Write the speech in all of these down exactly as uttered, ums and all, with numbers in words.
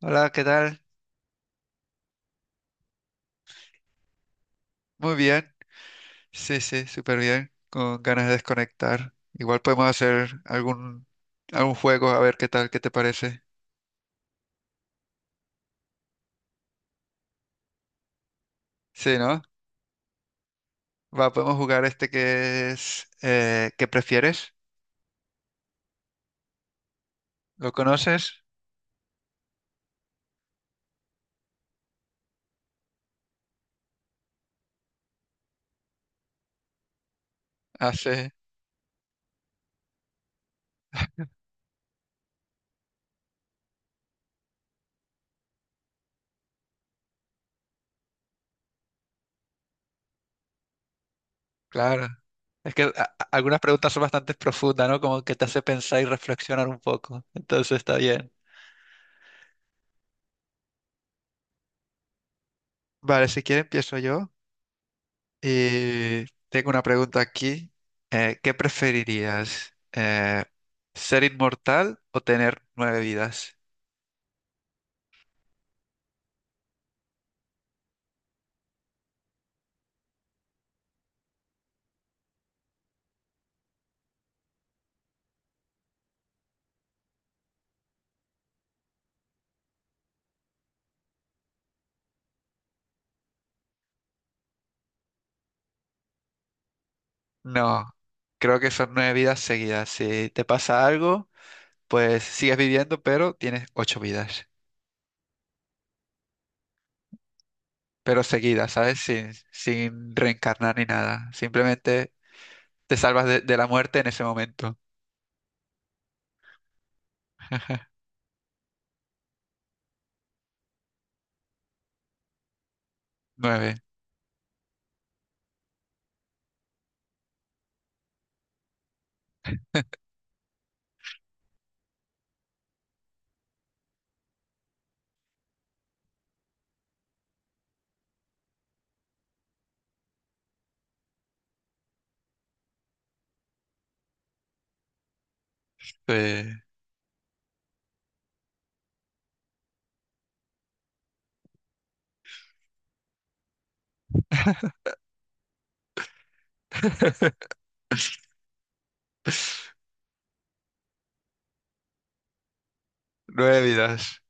Hola, ¿qué tal? Muy bien. Sí, sí, súper bien. Con ganas de desconectar. Igual podemos hacer algún, algún juego, a ver qué tal, qué te parece. Sí, ¿no? Va, podemos jugar este que es... eh, ¿qué prefieres? ¿Lo conoces? Ah, sí, claro. Es que a- a- algunas preguntas son bastante profundas, ¿no? Como que te hace pensar y reflexionar un poco. Entonces está bien. Vale, si quieres empiezo yo. Y tengo una pregunta aquí. Eh, ¿qué preferirías? Eh, ¿ser inmortal o tener nueve vidas? No, creo que son nueve vidas seguidas. Si te pasa algo, pues sigues viviendo, pero tienes ocho vidas. Pero seguidas, ¿sabes? Sin, sin reencarnar ni nada. Simplemente te salvas de, de la muerte en ese momento. Nueve. Sí. Nueve vidas,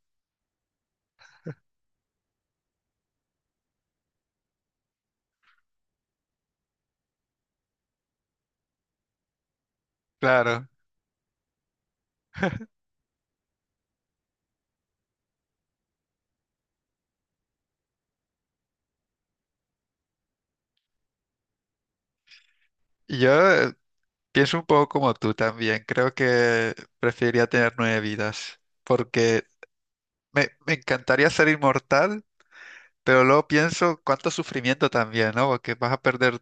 claro. Y Yo, eh, pienso un poco como tú también. Creo que preferiría tener nueve vidas, porque me, me encantaría ser inmortal, pero luego pienso cuánto sufrimiento también, ¿no? Porque vas a perder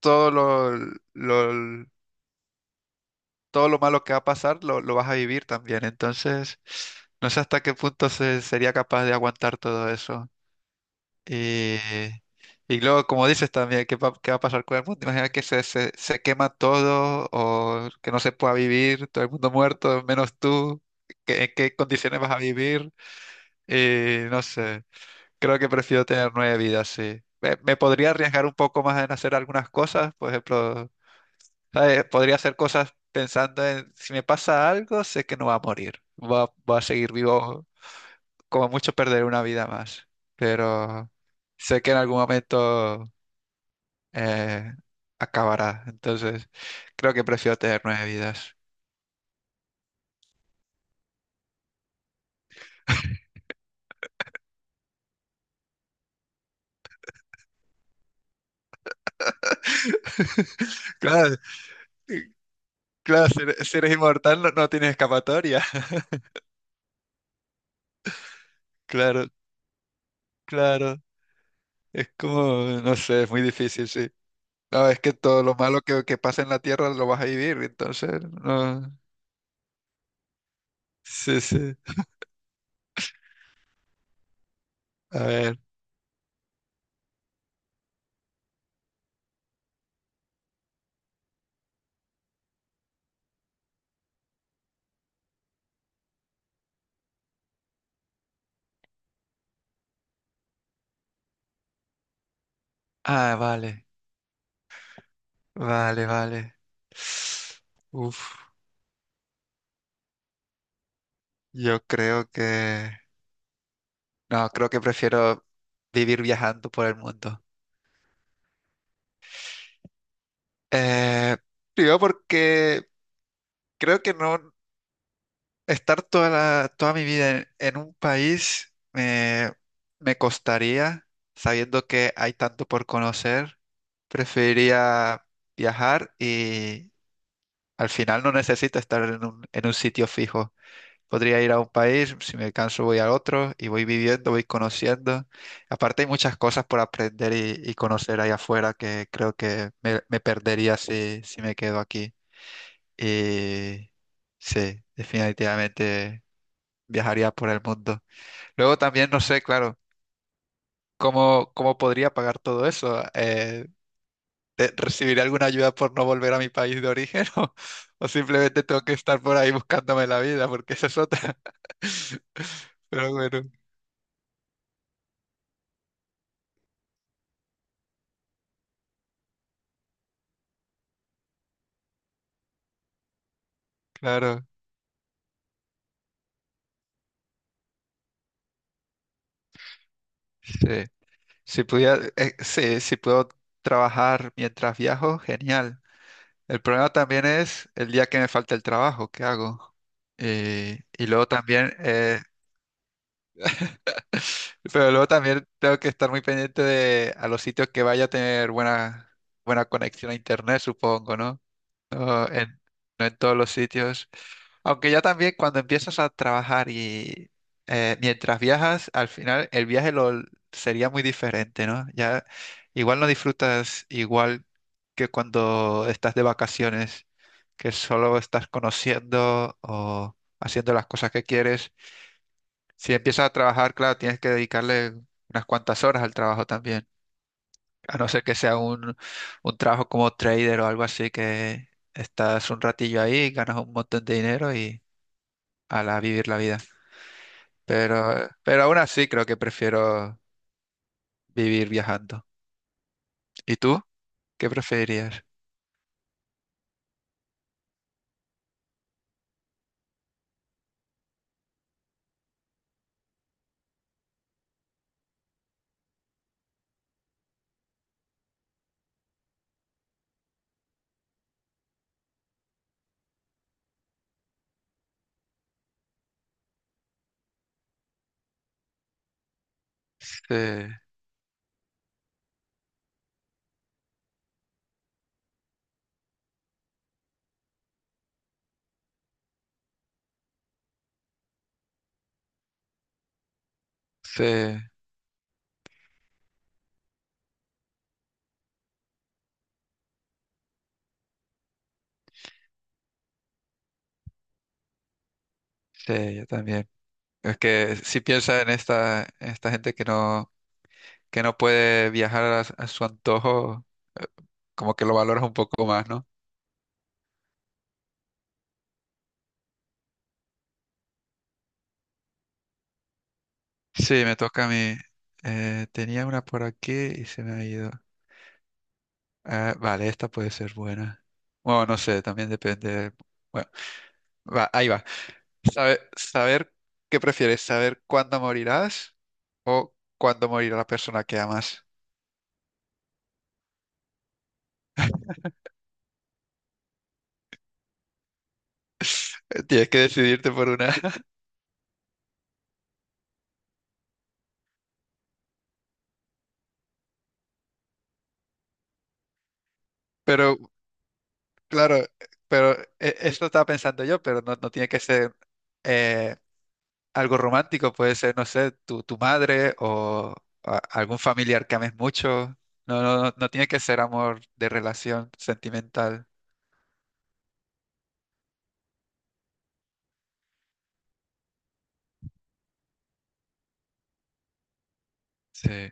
todo lo, lo- todo lo malo que va a pasar, lo, lo vas a vivir también. Entonces, no sé hasta qué punto se, sería capaz de aguantar todo eso. Y, y luego, como dices también, ¿qué va, ¿qué va a pasar con el mundo? Imagina que se, se, se quema todo o que no se pueda vivir, todo el mundo muerto, menos tú. ¿Qué- ¿En qué condiciones vas a vivir? Y no sé, creo que prefiero tener nueve vidas, sí. Me, me podría arriesgar un poco más en hacer algunas cosas, por ejemplo, ¿sabes? Podría hacer cosas pensando en si me pasa algo, sé que no va a morir, va, va a seguir vivo, como mucho perder una vida más. Pero sé que en algún momento eh, acabará. Entonces, creo que prefiero tener nueve vidas. Claro, claro, si eres, si eres inmortal no, no tienes escapatoria. Claro, claro. Es como, no sé, es muy difícil, sí. No, es que todo lo malo que, que pasa en la Tierra lo vas a vivir, entonces, no. Sí, sí. A ver. Ah, vale. Vale, vale. Uf, yo creo que... No, creo que prefiero vivir viajando por el mundo. Eh, primero porque creo que no estar toda la, toda mi vida en, en un país me, me costaría, sabiendo que hay tanto por conocer. Preferiría viajar y al final no necesito estar en un, en un sitio fijo. Podría ir a un país, si me canso voy a otro y voy viviendo, voy conociendo. Aparte hay muchas cosas por aprender y, y conocer ahí afuera que creo que me, me perdería si, si me quedo aquí. Y sí, definitivamente viajaría por el mundo. Luego también no sé, claro, cómo, cómo podría pagar todo eso. Eh, ¿te- ¿recibiré alguna ayuda por no volver a mi país de origen? ¿O, o simplemente tengo que estar por ahí buscándome la vida? Porque esa es otra. Pero bueno, claro, sí. Si pudiera, eh, sí, si puedo trabajar mientras viajo, genial. El problema también es el día que me falta el trabajo, ¿qué hago? Eh, y luego también, eh, pero luego también tengo que estar muy pendiente de a los sitios que vaya a tener buena, buena conexión a internet, supongo, ¿no? o en, no en todos los sitios. Aunque ya también cuando empiezas a trabajar y eh, mientras viajas, al final el viaje lo sería muy diferente, ¿no? Ya igual no disfrutas igual que cuando estás de vacaciones, que solo estás conociendo o haciendo las cosas que quieres. Si empiezas a trabajar, claro, tienes que dedicarle unas cuantas horas al trabajo también. A no ser que sea un, un trabajo como trader o algo así, que estás un ratillo ahí, ganas un montón de dinero y ala, a vivir la vida. Pero, pero aún así creo que prefiero vivir viajando. ¿Y tú? ¿Qué preferirías? Sí, sí, sí, yo también. Es que si piensas en esta, en esta gente que no, que no puede viajar a, s- a su antojo, como que lo valoras un poco más, ¿no? Sí, me toca a mí. Eh, tenía una por aquí y se me ha ido. Ah, vale, esta puede ser buena. Bueno, no sé, también depende. Bueno, va, ahí va. Sabe- saber qué prefieres, saber cuándo morirás o cuándo morirá la persona que amas. Eh, Tienes que decidirte por una. Pero, claro, pero eh, esto estaba pensando yo, pero no, no tiene que ser eh, algo romántico, puede ser, no sé, tu, tu madre o a- algún familiar que ames mucho. No, no, no no tiene que ser amor de relación sentimental. Sí.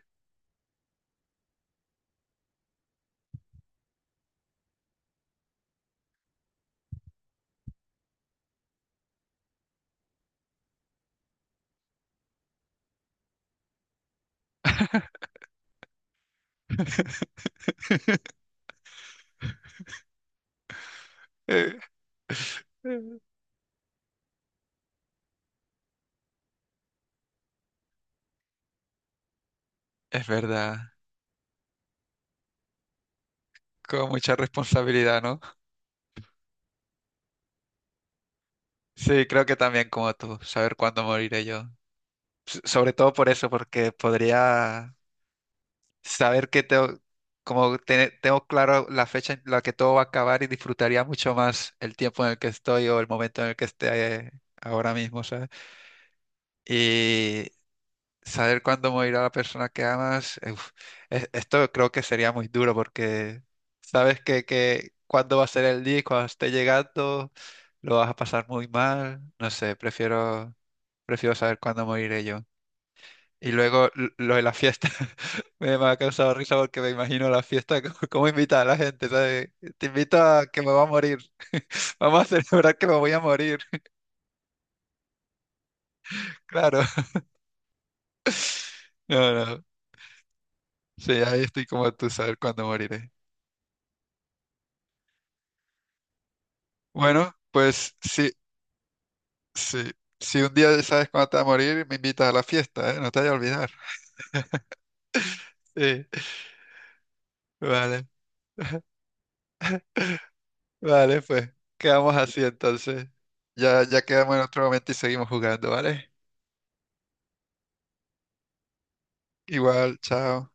Es verdad, con mucha responsabilidad, ¿no? Sí, creo que también como tú, saber cuándo moriré yo. S- sobre todo por eso, porque podría saber que tengo, como te- tengo claro la fecha en la que todo va a acabar y disfrutaría mucho más el tiempo en el que estoy o el momento en el que esté eh, ahora mismo, ¿sabes? Saber cuándo morirá la persona que amas, eh, uf, es- esto creo que sería muy duro porque sabes que, que cuándo va a ser el día y cuando esté llegando lo vas a pasar muy mal. No sé, prefiero, prefiero saber cuándo moriré yo. Y luego l- lo de la fiesta me, me ha causado risa porque me imagino la fiesta, como cómo invita a la gente, ¿sabes? Te invito a que me va a morir. Vamos a celebrar que me voy a morir. Claro. No, no. Sí, ahí estoy como tú, saber cuándo moriré. Bueno, pues sí, sí. Si un día sabes cuándo te vas a morir, me invitas a la fiesta, ¿eh? No te vayas a olvidar. Sí, vale. Vale, pues. Quedamos así entonces. Ya, ya quedamos en otro momento y seguimos jugando, ¿vale? Igual, chao.